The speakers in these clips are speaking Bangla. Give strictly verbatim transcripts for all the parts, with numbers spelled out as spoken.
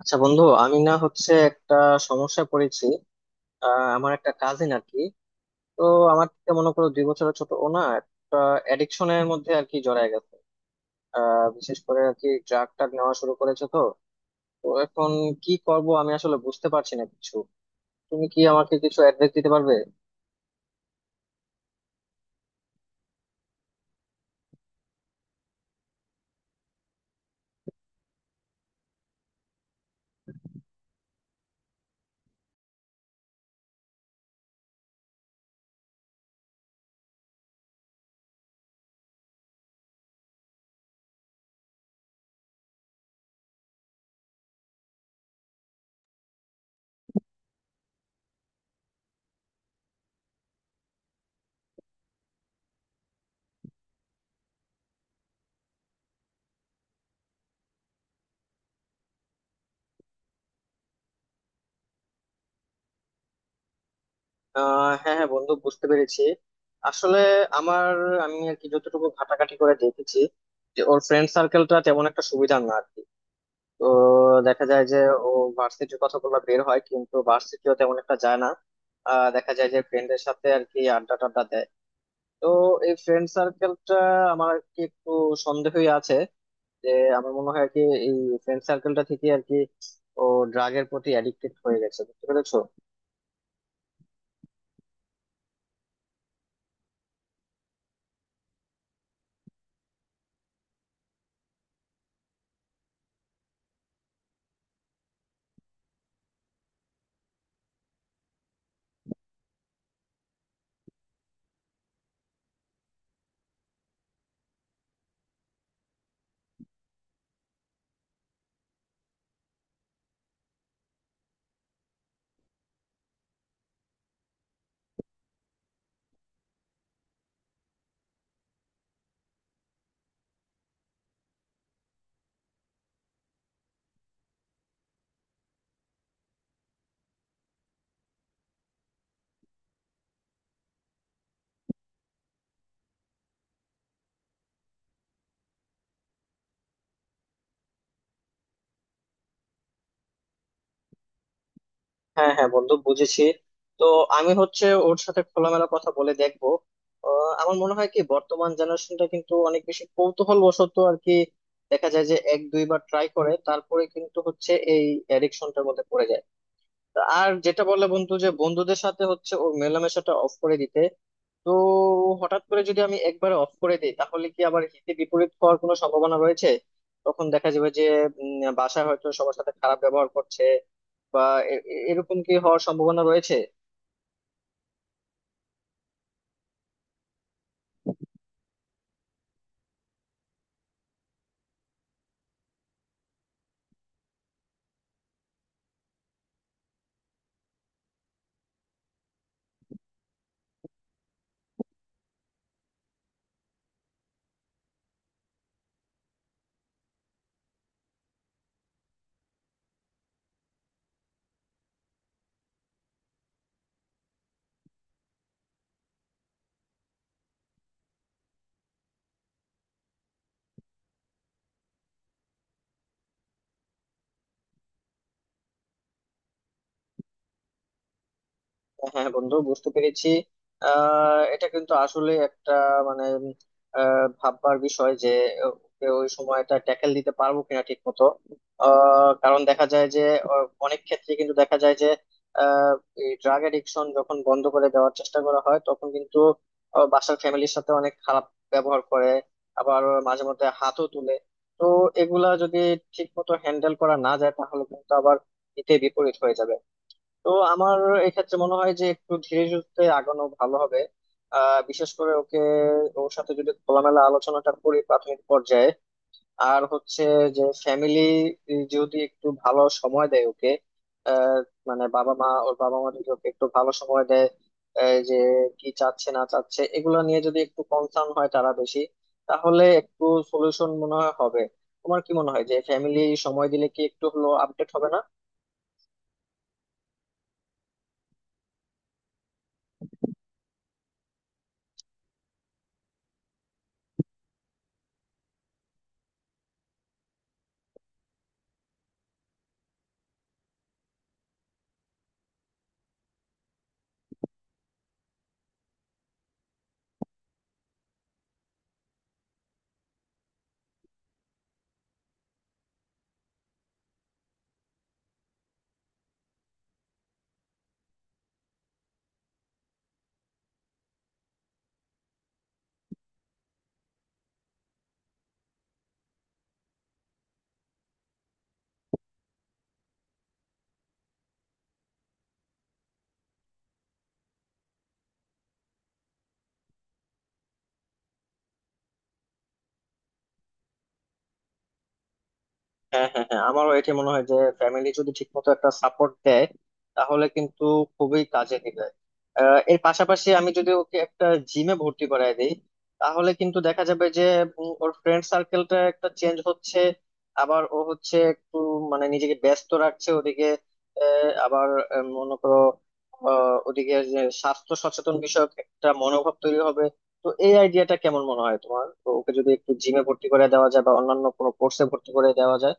আচ্ছা বন্ধু, আমি না হচ্ছে একটা সমস্যায় পড়েছি। আহ, আমার একটা কাজিন আর কি। তো আমার থেকে মনে করো দুই বছরের ছোট। ও না একটা অ্যাডিকশনের মধ্যে আর কি জড়ায় গেছে। আহ, বিশেষ করে আর কি ড্রাগ টাগ নেওয়া শুরু করেছে। তো তো এখন কি করব আমি আসলে বুঝতে পারছি না কিছু। তুমি কি আমাকে কিছু অ্যাডভাইস দিতে পারবে? আহ হ্যাঁ হ্যাঁ বন্ধু, বুঝতে পেরেছি। আসলে আমার আমি আর কি যতটুকু ঘাটাঘাটি করে দেখেছি, যে ওর ফ্রেন্ড সার্কেলটা তেমন একটা সুবিধার না। তো দেখা যায় যে ও ভার্সিটির কথাগুলো বের হয় কিন্তু ভার্সিটিও তেমন একটা যায় না। আহ, দেখা যায় যে ফ্রেন্ডের সাথে আর কি আড্ডা টাড্ডা দেয়। তো এই ফ্রেন্ড সার্কেলটা আমার আর কি একটু সন্দেহই আছে যে, আমার মনে হয় আর কি এই ফ্রেন্ড সার্কেলটা থেকে আর কি ও ড্রাগের প্রতি অ্যাডিক্টেড হয়ে গেছে। বুঝতে পেরেছো? হ্যাঁ হ্যাঁ বন্ধু, বুঝেছি। তো আমি হচ্ছে ওর সাথে খোলামেলা কথা বলে দেখবো। আহ, আমার মনে হয় কি বর্তমান জেনারেশনটা কিন্তু অনেক বেশি কৌতূহল বশত আর কি দেখা যায় যে এক দুইবার ট্রাই করে তারপরে কিন্তু হচ্ছে এই অ্যাডিকশনটার মধ্যে পড়ে যায়। আর যেটা বলে বন্ধু যে বন্ধুদের সাথে হচ্ছে ওর মেলামেশাটা অফ করে দিতে। তো হঠাৎ করে যদি আমি একবারে অফ করে দিই তাহলে কি আবার হিতে বিপরীত হওয়ার কোনো সম্ভাবনা রয়েছে? তখন দেখা যাবে যে উম, বাসায় হয়তো সবার সাথে খারাপ ব্যবহার করছে, বা এ- এ- এরকম কি হওয়ার সম্ভাবনা রয়েছে? হ্যাঁ বন্ধু, বুঝতে পেরেছি। আহ এটা কিন্তু আসলে একটা মানে আহ, ভাববার বিষয় যে ওকে ওই সময়টা ট্যাকেল দিতে পারবো কিনা ঠিক মতো। আহ, কারণ দেখা যায় যে আহ, অনেক ক্ষেত্রে কিন্তু দেখা যায় যে ড্রাগ এডিকশন যখন বন্ধ করে দেওয়ার চেষ্টা করা হয় তখন কিন্তু আহ, বাসার ফ্যামিলির সাথে অনেক খারাপ ব্যবহার করে, আবার মাঝে মধ্যে হাতও তুলে। তো এগুলা যদি ঠিক মতো হ্যান্ডেল করা না যায় তাহলে কিন্তু আবার হিতে বিপরীত হয়ে যাবে। তো আমার এক্ষেত্রে মনে হয় যে একটু ধীরে সুস্থে আগানো ভালো হবে। আহ বিশেষ করে ওকে, ওর সাথে যদি খোলামেলা আলোচনাটা করি প্রাথমিক পর্যায়ে, আর হচ্ছে যে ফ্যামিলি যদি একটু ভালো সময় দেয় ওকে। আহ মানে বাবা মা, ওর বাবা মা যদি ওকে একটু ভালো সময় দেয়, এই যে কি চাচ্ছে না চাচ্ছে এগুলো নিয়ে যদি একটু কনসার্ন হয় তারা বেশি, তাহলে একটু সলিউশন মনে হয় হবে। তোমার কি মনে হয় যে ফ্যামিলি সময় দিলে কি একটু হলো আপডেট হবে না? হ্যাঁ হ্যাঁ হ্যাঁ, আমারও এটা মনে হয় যে ফ্যামিলি যদি ঠিকমতো একটা সাপোর্ট দেয় তাহলে কিন্তু খুবই কাজে দিবে। আহ, এর পাশাপাশি আমি যদি ওকে একটা জিমে ভর্তি করায় দিই তাহলে কিন্তু দেখা যাবে যে উম, ওর ফ্রেন্ড সার্কেলটা একটা চেঞ্জ হচ্ছে, আবার ও হচ্ছে একটু মানে নিজেকে ব্যস্ত রাখছে ওদিকে। আহ, আবার আহ, মনে করো, আহ, ওদিকে যে স্বাস্থ্য সচেতন বিষয়ক একটা মনোভাব তৈরি হবে। তো এই আইডিয়াটা কেমন মনে হয় তোমার? তো ওকে যদি একটু জিমে ভর্তি করে দেওয়া যায় বা অন্যান্য কোনো কোর্সে ভর্তি করে দেওয়া যায়?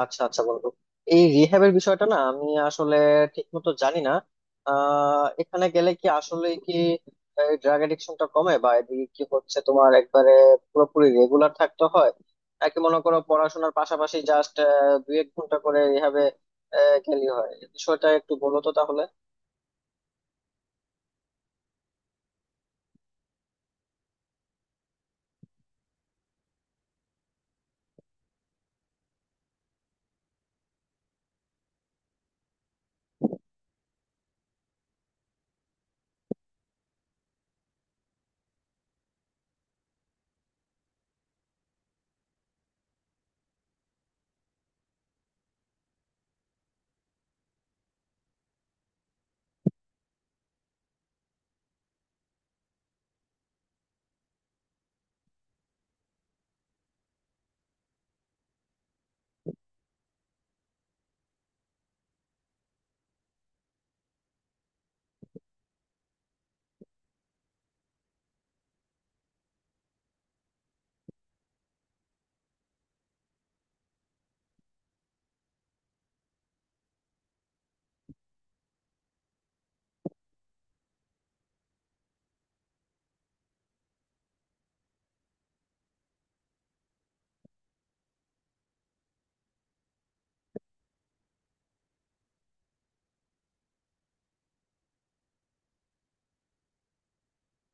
আচ্ছা আচ্ছা বন্ধু, এই রিহ্যাবের বিষয়টা না আমি আসলে ঠিক মতো জানি না। আহ এখানে গেলে কি আসলে কি ড্রাগ এডিকশনটা কমে বা এদিকে কি হচ্ছে, তোমার একবারে পুরোপুরি রেগুলার থাকতে হয়, নাকি মনে করো পড়াশোনার পাশাপাশি জাস্ট দুই এক ঘন্টা করে রিহ্যাবে গেলে হয়? এই বিষয়টা একটু বলো তো তাহলে।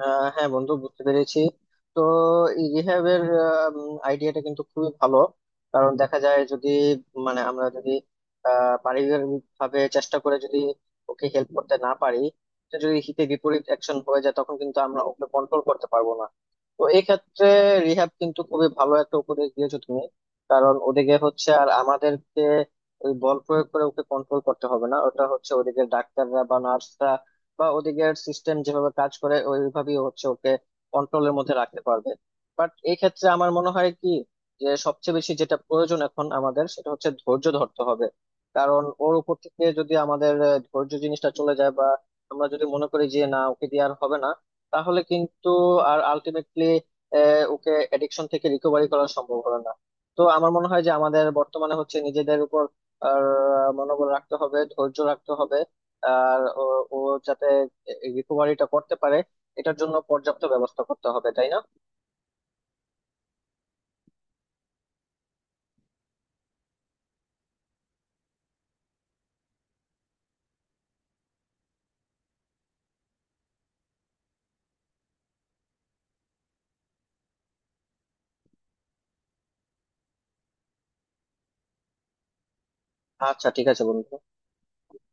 আহ হ্যাঁ বন্ধু, বুঝতে পেরেছি। তো এই রিহ্যাবের আইডিয়াটা কিন্তু খুবই ভালো। কারণ দেখা যায় যদি মানে আমরা যদি আহ, পারিবারিক ভাবে চেষ্টা করে যদি ওকে হেল্প করতে না পারি, তো যদি হিতে বিপরীত অ্যাকশন হয়ে যায় তখন কিন্তু আমরা ওকে কন্ট্রোল করতে পারবো না। তো এই ক্ষেত্রে রিহ্যাব কিন্তু খুবই ভালো একটা উপদেশ দিয়েছো তুমি। কারণ ওদিকে হচ্ছে আর আমাদেরকে ওই বল প্রয়োগ করে ওকে কন্ট্রোল করতে হবে না, ওটা হচ্ছে ওদিকে ডাক্তাররা বা নার্সরা বা ওদিকের সিস্টেম যেভাবে কাজ করে ওইভাবেই হচ্ছে ওকে কন্ট্রোলের মধ্যে রাখতে পারবে। বাট এই ক্ষেত্রে আমার মনে হয় কি, যে সবচেয়ে বেশি যেটা প্রয়োজন এখন আমাদের সেটা হচ্ছে ধৈর্য ধরতে হবে। কারণ ওর উপর থেকে যদি আমাদের আহ, ধৈর্য জিনিসটা চলে যায় বা আমরা যদি মনে করি যে না ওকে দিয়ে আর হবে না, তাহলে কিন্তু আর আলটিমেটলি ওকে এডিকশন থেকে রিকভারি করা সম্ভব হবে না। তো আমার মনে হয় যে আমাদের বর্তমানে হচ্ছে নিজেদের উপর আর মনোবল রাখতে হবে, ধৈর্য রাখতে হবে, আর ও ও যাতে রিকভারিটা করতে পারে এটার জন্য পর্যাপ্ত ব্যবস্থা করতে হবে, তাই না? আচ্ছা ঠিক আছে বন্ধু।